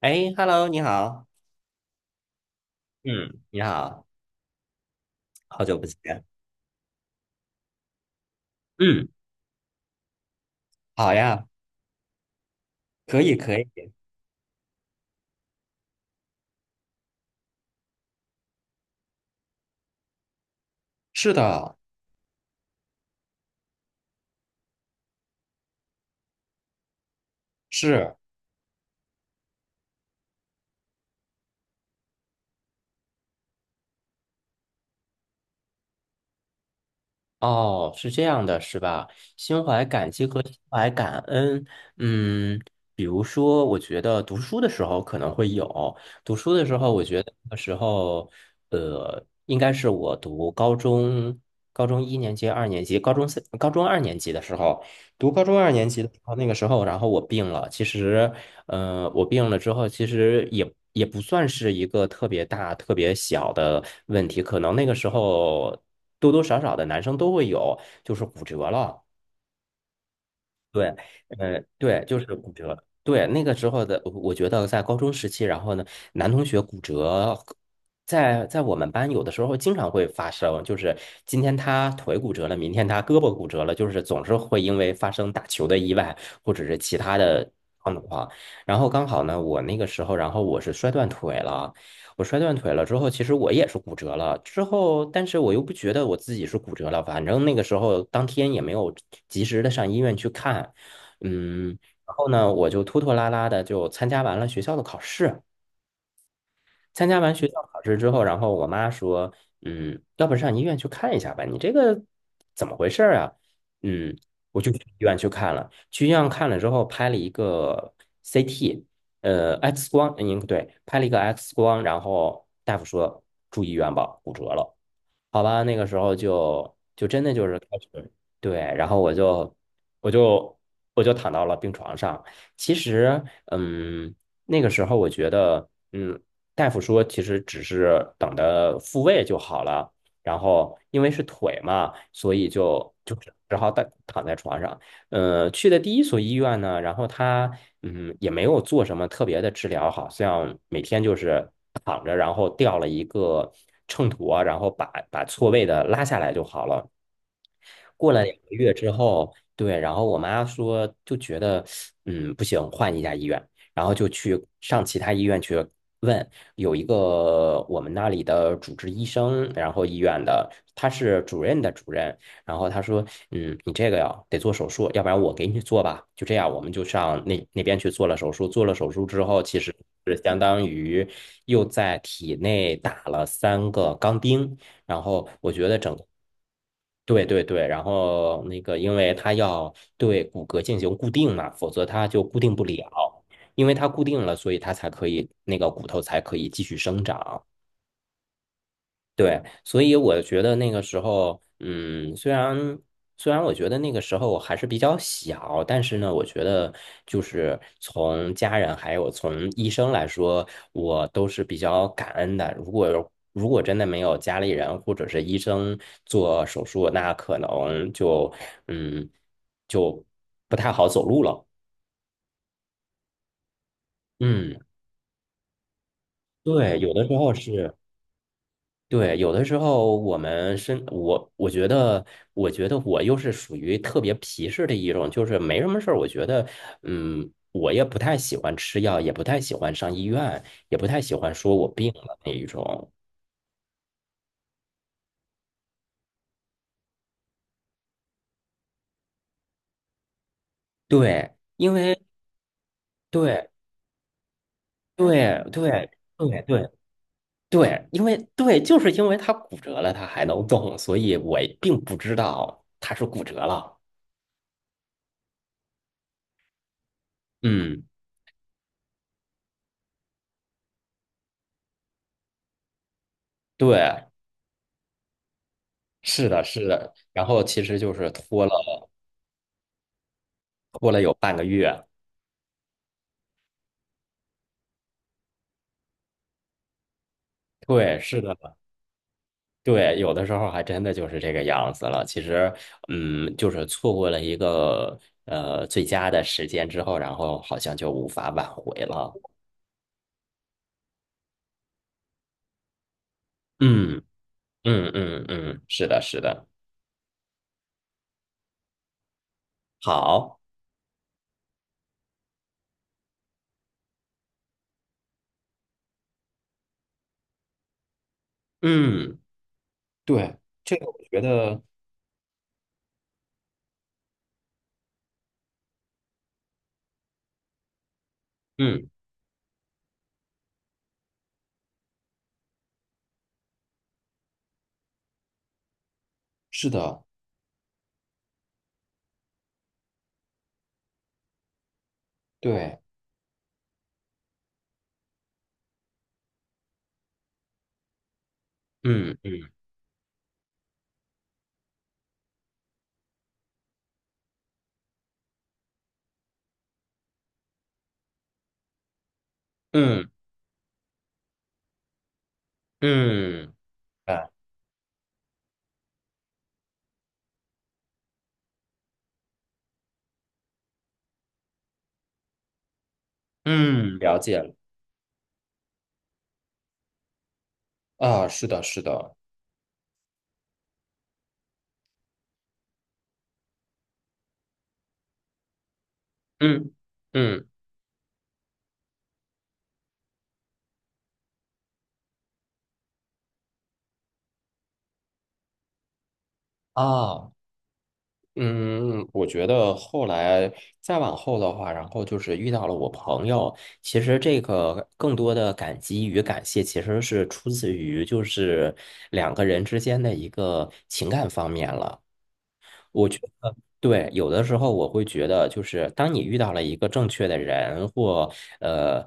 哎，Hello，你好，嗯你好，好久不见。嗯，好呀，可以。是的，是，哦，是这样的，是吧？心怀感激和心怀感恩。嗯，比如说，我觉得读书的时候可能会有，读书的时候，我觉得那时候，应该是我读高中，高中一年级、二年级、高中三、高中二年级的时候，读高中二年级的时候，那个时候，然后我病了。其实我病了之后，其实也不算是一个特别大、特别小的问题，可能那个时候多多少少的男生都会有，就是骨折了。对，就是骨折。对，那个时候的，我觉得在高中时期，然后呢，男同学骨折，在我们班有的时候经常会发生，就是今天他腿骨折了，明天他胳膊骨折了，就是总是会因为发生打球的意外或者是其他的状况。然后刚好呢，我那个时候，然后我是摔断腿了，我摔断腿了之后，其实我也是骨折了之后，但是我又不觉得我自己是骨折了，反正那个时候当天也没有及时的上医院去看。嗯，然后呢，我就拖拖拉拉的就参加完了学校的考试。参加完学校考试之后，然后我妈说，嗯，要不上医院去看一下吧，你这个怎么回事儿啊？嗯，我就去医院去看了，去医院看了之后拍了一个 CT，X 光，嗯，对，拍了一个 X 光，然后大夫说住医院吧，骨折了。好吧，那个时候就真的就是开始，对，然后我就我就躺到了病床上。其实，嗯，那个时候我觉得，嗯，大夫说其实只是等着复位就好了。然后因为是腿嘛，所以就只好躺在床上。呃，去的第一所医院呢，然后他嗯也没有做什么特别的治疗，好像每天就是躺着，然后吊了一个秤砣啊，然后把错位的拉下来就好了。过了两个月之后，对，然后我妈说就觉得，嗯，不行，换一家医院，然后就去上其他医院去问，有一个我们那里的主治医生，然后医院的他是主任的主任，然后他说，嗯，你这个呀得做手术，要不然我给你做吧，就这样，我们就上那边去做了手术，做了手术之后，其实是相当于又在体内打了三个钢钉。然后我觉得整个对对对，然后那个，因为它要对骨骼进行固定嘛，否则它就固定不了。因为它固定了，所以它才可以那个骨头才可以继续生长。对，所以我觉得那个时候，嗯，虽然我觉得那个时候我还是比较小，但是呢，我觉得就是从家人还有从医生来说，我都是比较感恩的。如果真的没有家里人或者是医生做手术，那可能嗯就不太好走路了。嗯，对，有的时候是。对，有的时候我觉得，我觉得我又是属于特别皮实的一种，就是没什么事儿。我觉得，嗯，我也不太喜欢吃药，也不太喜欢上医院，也不太喜欢说我病了那一种。对，因为对对对对对对，因为对，就是因为他骨折了，他还能动，所以我并不知道他是骨折了。嗯，对，是的，是的。然后其实就是拖了。过了有半个月。对，是的，对，有的时候还真的就是这个样子了。其实，嗯，就是错过了一个最佳的时间之后，然后好像就无法挽回了。嗯嗯嗯嗯，是的，是的，好，嗯，对，这个我觉得，嗯，是的，对，嗯嗯嗯嗯，啊，嗯，了解了，啊，是的，是的，嗯嗯啊。嗯，我觉得后来再往后的话，然后就是遇到了我朋友。其实这个更多的感激与感谢，其实是出自于就是两个人之间的一个情感方面了。对，有的时候我会觉得，就是当你遇到了一个正确的人，或呃，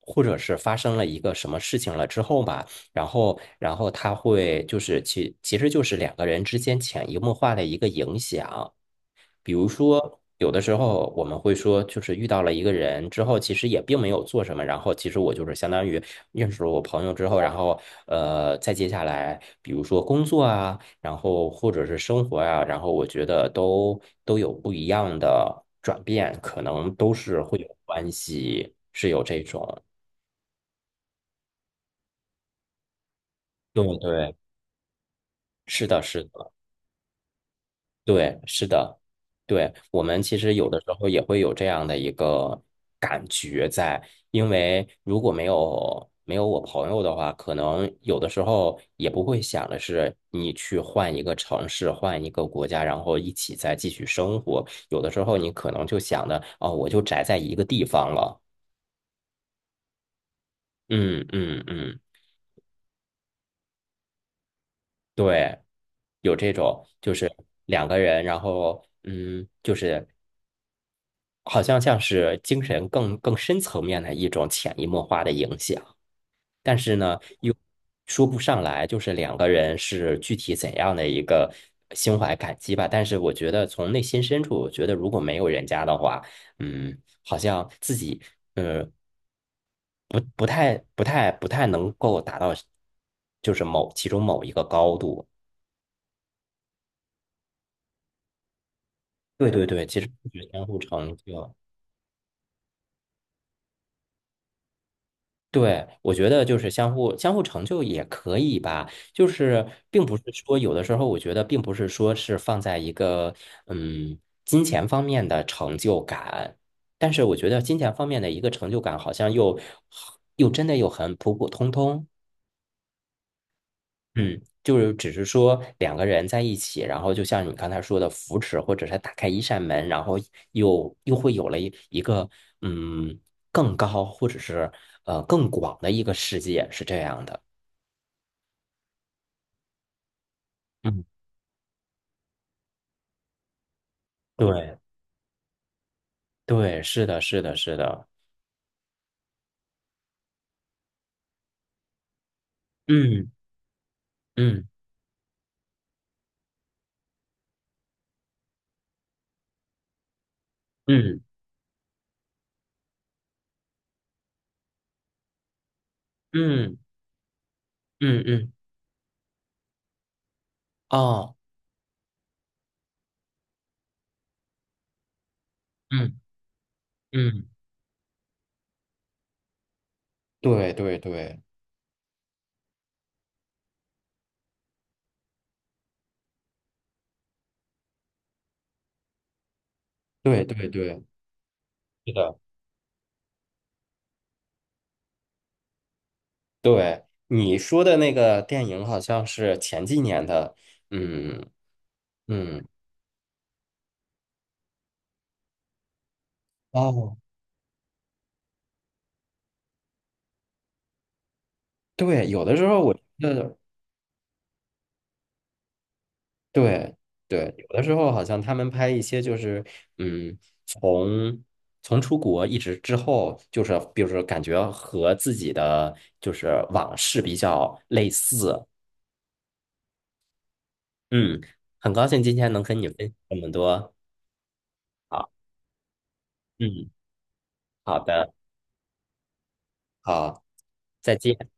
或者是发生了一个什么事情了之后吧，然后他会就是其实就是两个人之间潜移默化的一个影响。比如说，有的时候我们会说，就是遇到了一个人之后，其实也并没有做什么，然后其实我就是相当于认识了我朋友之后，然后再接下来，比如说工作啊，然后或者是生活啊，然后我觉得都有不一样的转变，可能都是会有关系，是有这种。对对，是的，是的。对，是的，对，我们其实有的时候也会有这样的一个感觉在，因为如果没有我朋友的话，可能有的时候也不会想的是你去换一个城市，换一个国家，然后一起再继续生活。有的时候你可能就想的，哦，我就宅在一个地方了。嗯嗯嗯，对，有这种就是两个人，然后嗯，就是好像像是精神更深层面的一种潜移默化的影响，但是呢，又说不上来，就是两个人是具体怎样的一个心怀感激吧。但是我觉得从内心深处，我觉得如果没有人家的话，嗯，好像自己呃不太能够达到，就是其中某一个高度。对对对，其实是相互成就。对，我觉得就是相互成就也可以吧，就是并不是说有的时候，我觉得并不是说是放在一个嗯金钱方面的成就感，但是我觉得金钱方面的一个成就感好像又真的又很普普通通。嗯，就是只是说两个人在一起，然后就像你刚才说的扶持，或者是打开一扇门，然后又会有了一个嗯更高或者是更广的一个世界，是这样的。嗯，对对，是的，是的，是的。嗯嗯嗯嗯嗯嗯，哦，嗯嗯，对对对对对对，是的。你说的那个电影好像是前几年的，嗯嗯。哦，对，有的时候我觉得，对对，有的时候好像他们拍一些就是，嗯，从从出国一直之后，就是比如说感觉和自己的就是往事比较类似，嗯，很高兴今天能跟你分享这么多，好，嗯，好的，好，再见。